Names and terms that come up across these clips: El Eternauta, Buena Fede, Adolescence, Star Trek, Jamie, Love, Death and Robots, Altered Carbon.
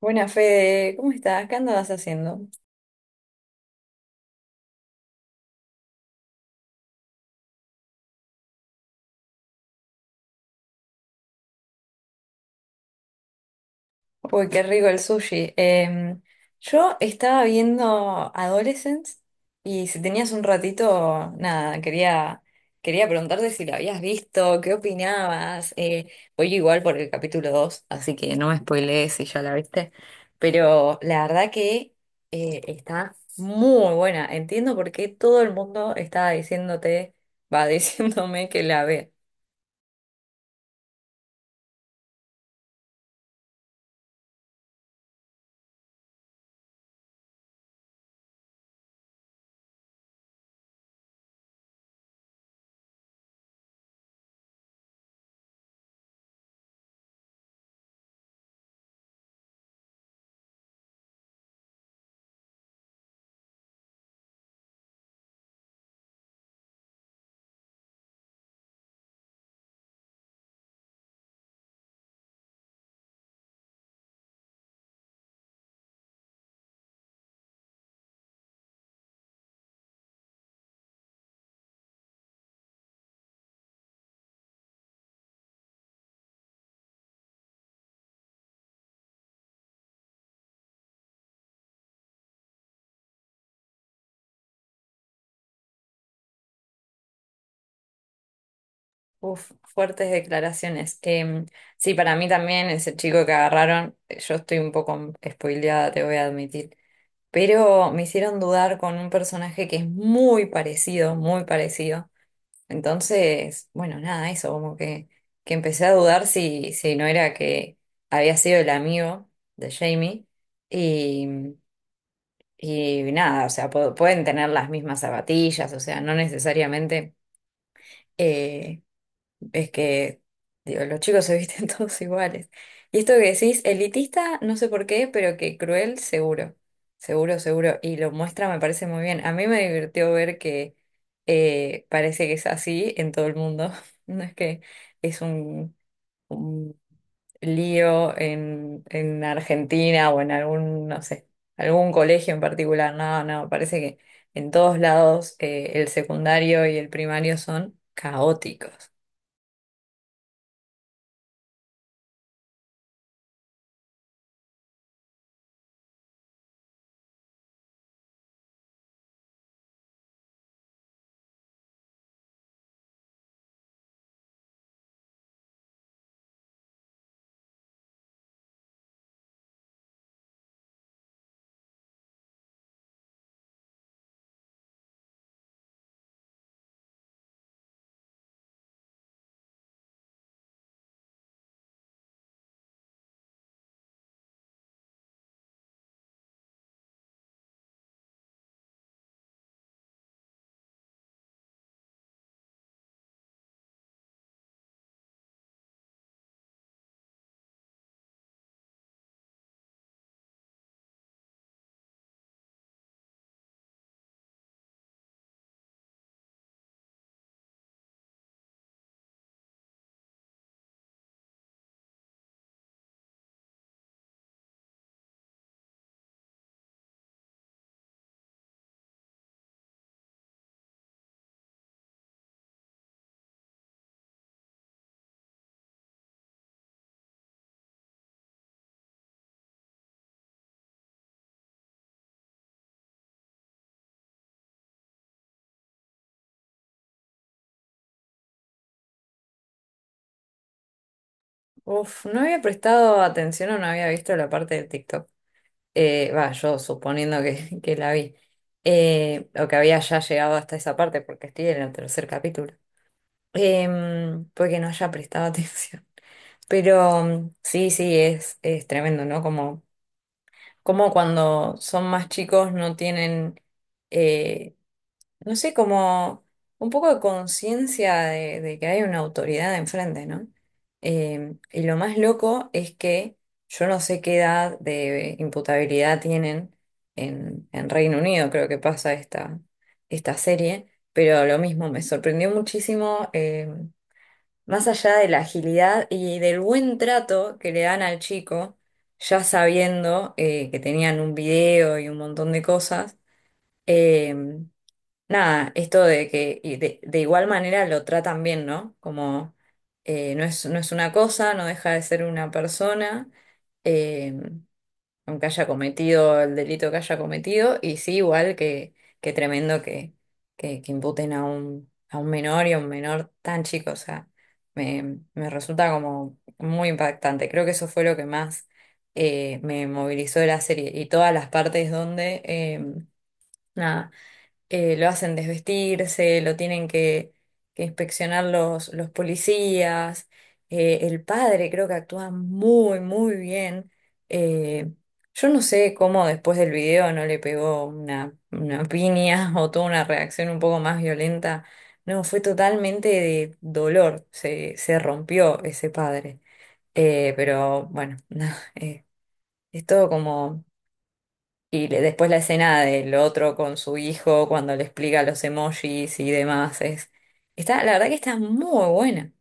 Buena Fede, ¿cómo estás? ¿Qué andabas haciendo? Uy, qué rico el sushi. Yo estaba viendo Adolescence y si tenías un ratito, nada, quería preguntarte si lo habías visto, qué opinabas. Voy igual por el capítulo 2, así que no me spoilees si ya la viste. Pero la verdad que está muy buena. Entiendo por qué todo el mundo estaba diciéndote, va diciéndome que la vea. Uf, fuertes declaraciones. Sí, para mí también ese chico que agarraron, yo estoy un poco spoileada, te voy a admitir, pero me hicieron dudar con un personaje que es muy parecido, muy parecido. Entonces, bueno, nada, eso, que empecé a dudar si no era que había sido el amigo de Jamie y, y nada, o sea, pueden tener las mismas zapatillas, o sea, no necesariamente... eh, es que, digo, los chicos se visten todos iguales. Y esto que decís, elitista, no sé por qué, pero que cruel, seguro. Seguro, seguro. Y lo muestra, me parece muy bien. A mí me divirtió ver que parece que es así en todo el mundo. No es que es un lío en Argentina o en algún, no sé, algún colegio en particular. No, no, parece que en todos lados el secundario y el primario son caóticos. Uf, no había prestado atención o no había visto la parte del TikTok. Va, yo suponiendo que la vi. O que había ya llegado hasta esa parte porque estoy en el tercer capítulo. Em, porque no haya prestado atención. Pero sí, sí, es tremendo, ¿no? Como, como cuando son más chicos no tienen eh, no sé, como un poco de conciencia de que hay una autoridad enfrente, ¿no? Y lo más loco es que yo no sé qué edad de imputabilidad tienen en Reino Unido, creo que pasa esta serie, pero lo mismo, me sorprendió muchísimo, más allá de la agilidad y del buen trato que le dan al chico, ya sabiendo que tenían un video y un montón de cosas. em, Nada, esto de que y de igual manera lo tratan bien, ¿no? Como no es, no es una cosa, no deja de ser una persona, eh, aunque haya cometido el delito que haya cometido, y sí, igual que tremendo que imputen a a un menor y a un menor tan chico, o sea, me resulta como muy impactante. Creo que eso fue lo que más me movilizó de la serie y todas las partes donde... nada lo hacen desvestirse, lo tienen que inspeccionar los policías, el padre creo que actúa muy, muy bien. eh, yo no sé cómo después del video no le pegó una piña o tuvo una reacción un poco más violenta. No, fue totalmente de dolor, se rompió ese padre. Pero bueno, no, eh, es todo como y después la escena del otro con su hijo cuando le explica los emojis y demás es está, la verdad que está muy buena.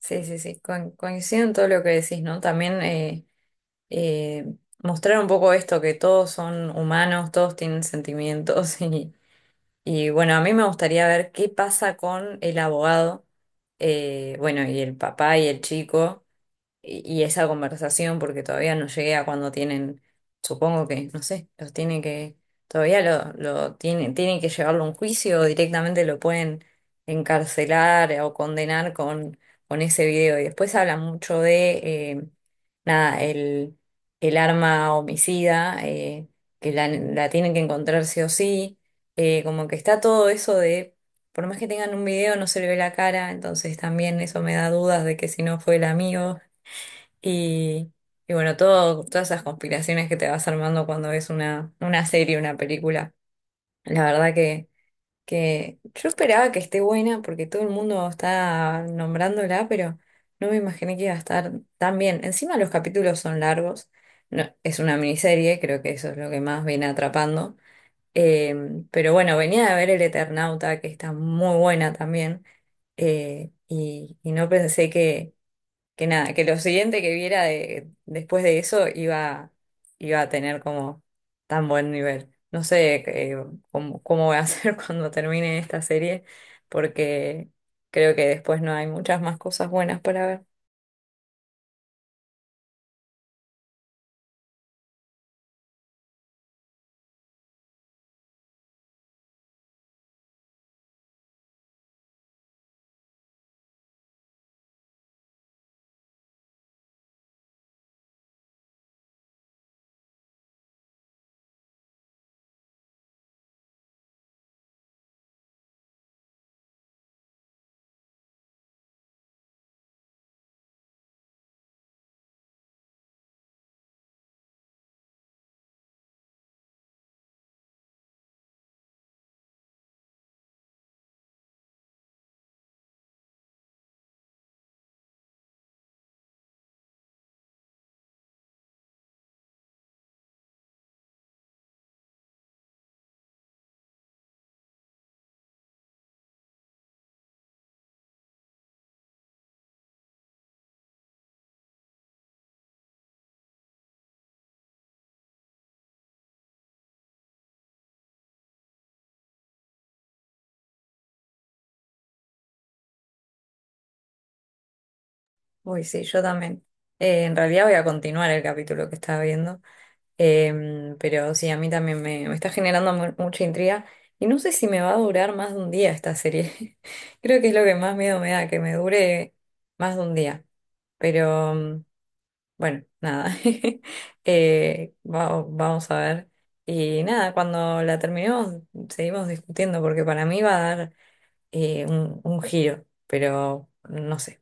Sí, sí, sí. Coincido en todo lo que decís, ¿no? También eh, mostrar un poco esto, que todos son humanos, todos tienen sentimientos y bueno, a mí me gustaría ver qué pasa con el abogado, bueno, y el papá y el chico. Y, y esa conversación, porque todavía no llegué a cuando tienen, supongo que, no sé, los tiene que, todavía lo tienen, tienen que llevarlo a un juicio o directamente lo pueden encarcelar o condenar con ese video. Y después habla mucho de, nada, el arma homicida, que la tienen que encontrar sí o sí, como que está todo eso de... Por más que tengan un video, no se le ve la cara, entonces también eso me da dudas de que si no fue el amigo. Y, y bueno, todo, todas esas conspiraciones que te vas armando cuando ves una serie, una película. La verdad que yo esperaba que esté buena porque todo el mundo está nombrándola, pero no me imaginé que iba a estar tan bien. Encima los capítulos son largos. No, es una miniserie, creo que eso es lo que más viene atrapando. Pero bueno, venía de ver El Eternauta, que está muy buena también. Y no pensé que nada, que lo siguiente que viera después de eso iba a tener como tan buen nivel. No sé cómo, cómo voy a hacer cuando termine esta serie, porque creo que después no hay muchas más cosas buenas para ver. Uy, sí, yo también. En realidad voy a continuar el capítulo que estaba viendo. Em, pero sí, a mí también me está generando mucha intriga y no sé si me va a durar más de un día esta serie. Creo que es lo que más miedo me da, que me dure más de un día. Pero mm, bueno, nada, vamos a ver. Y nada, cuando la terminemos seguimos discutiendo porque para mí va a dar un giro, pero no sé.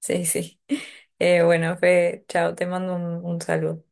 Sí, sí. Bueno, Fe, chao, te mando un saludo.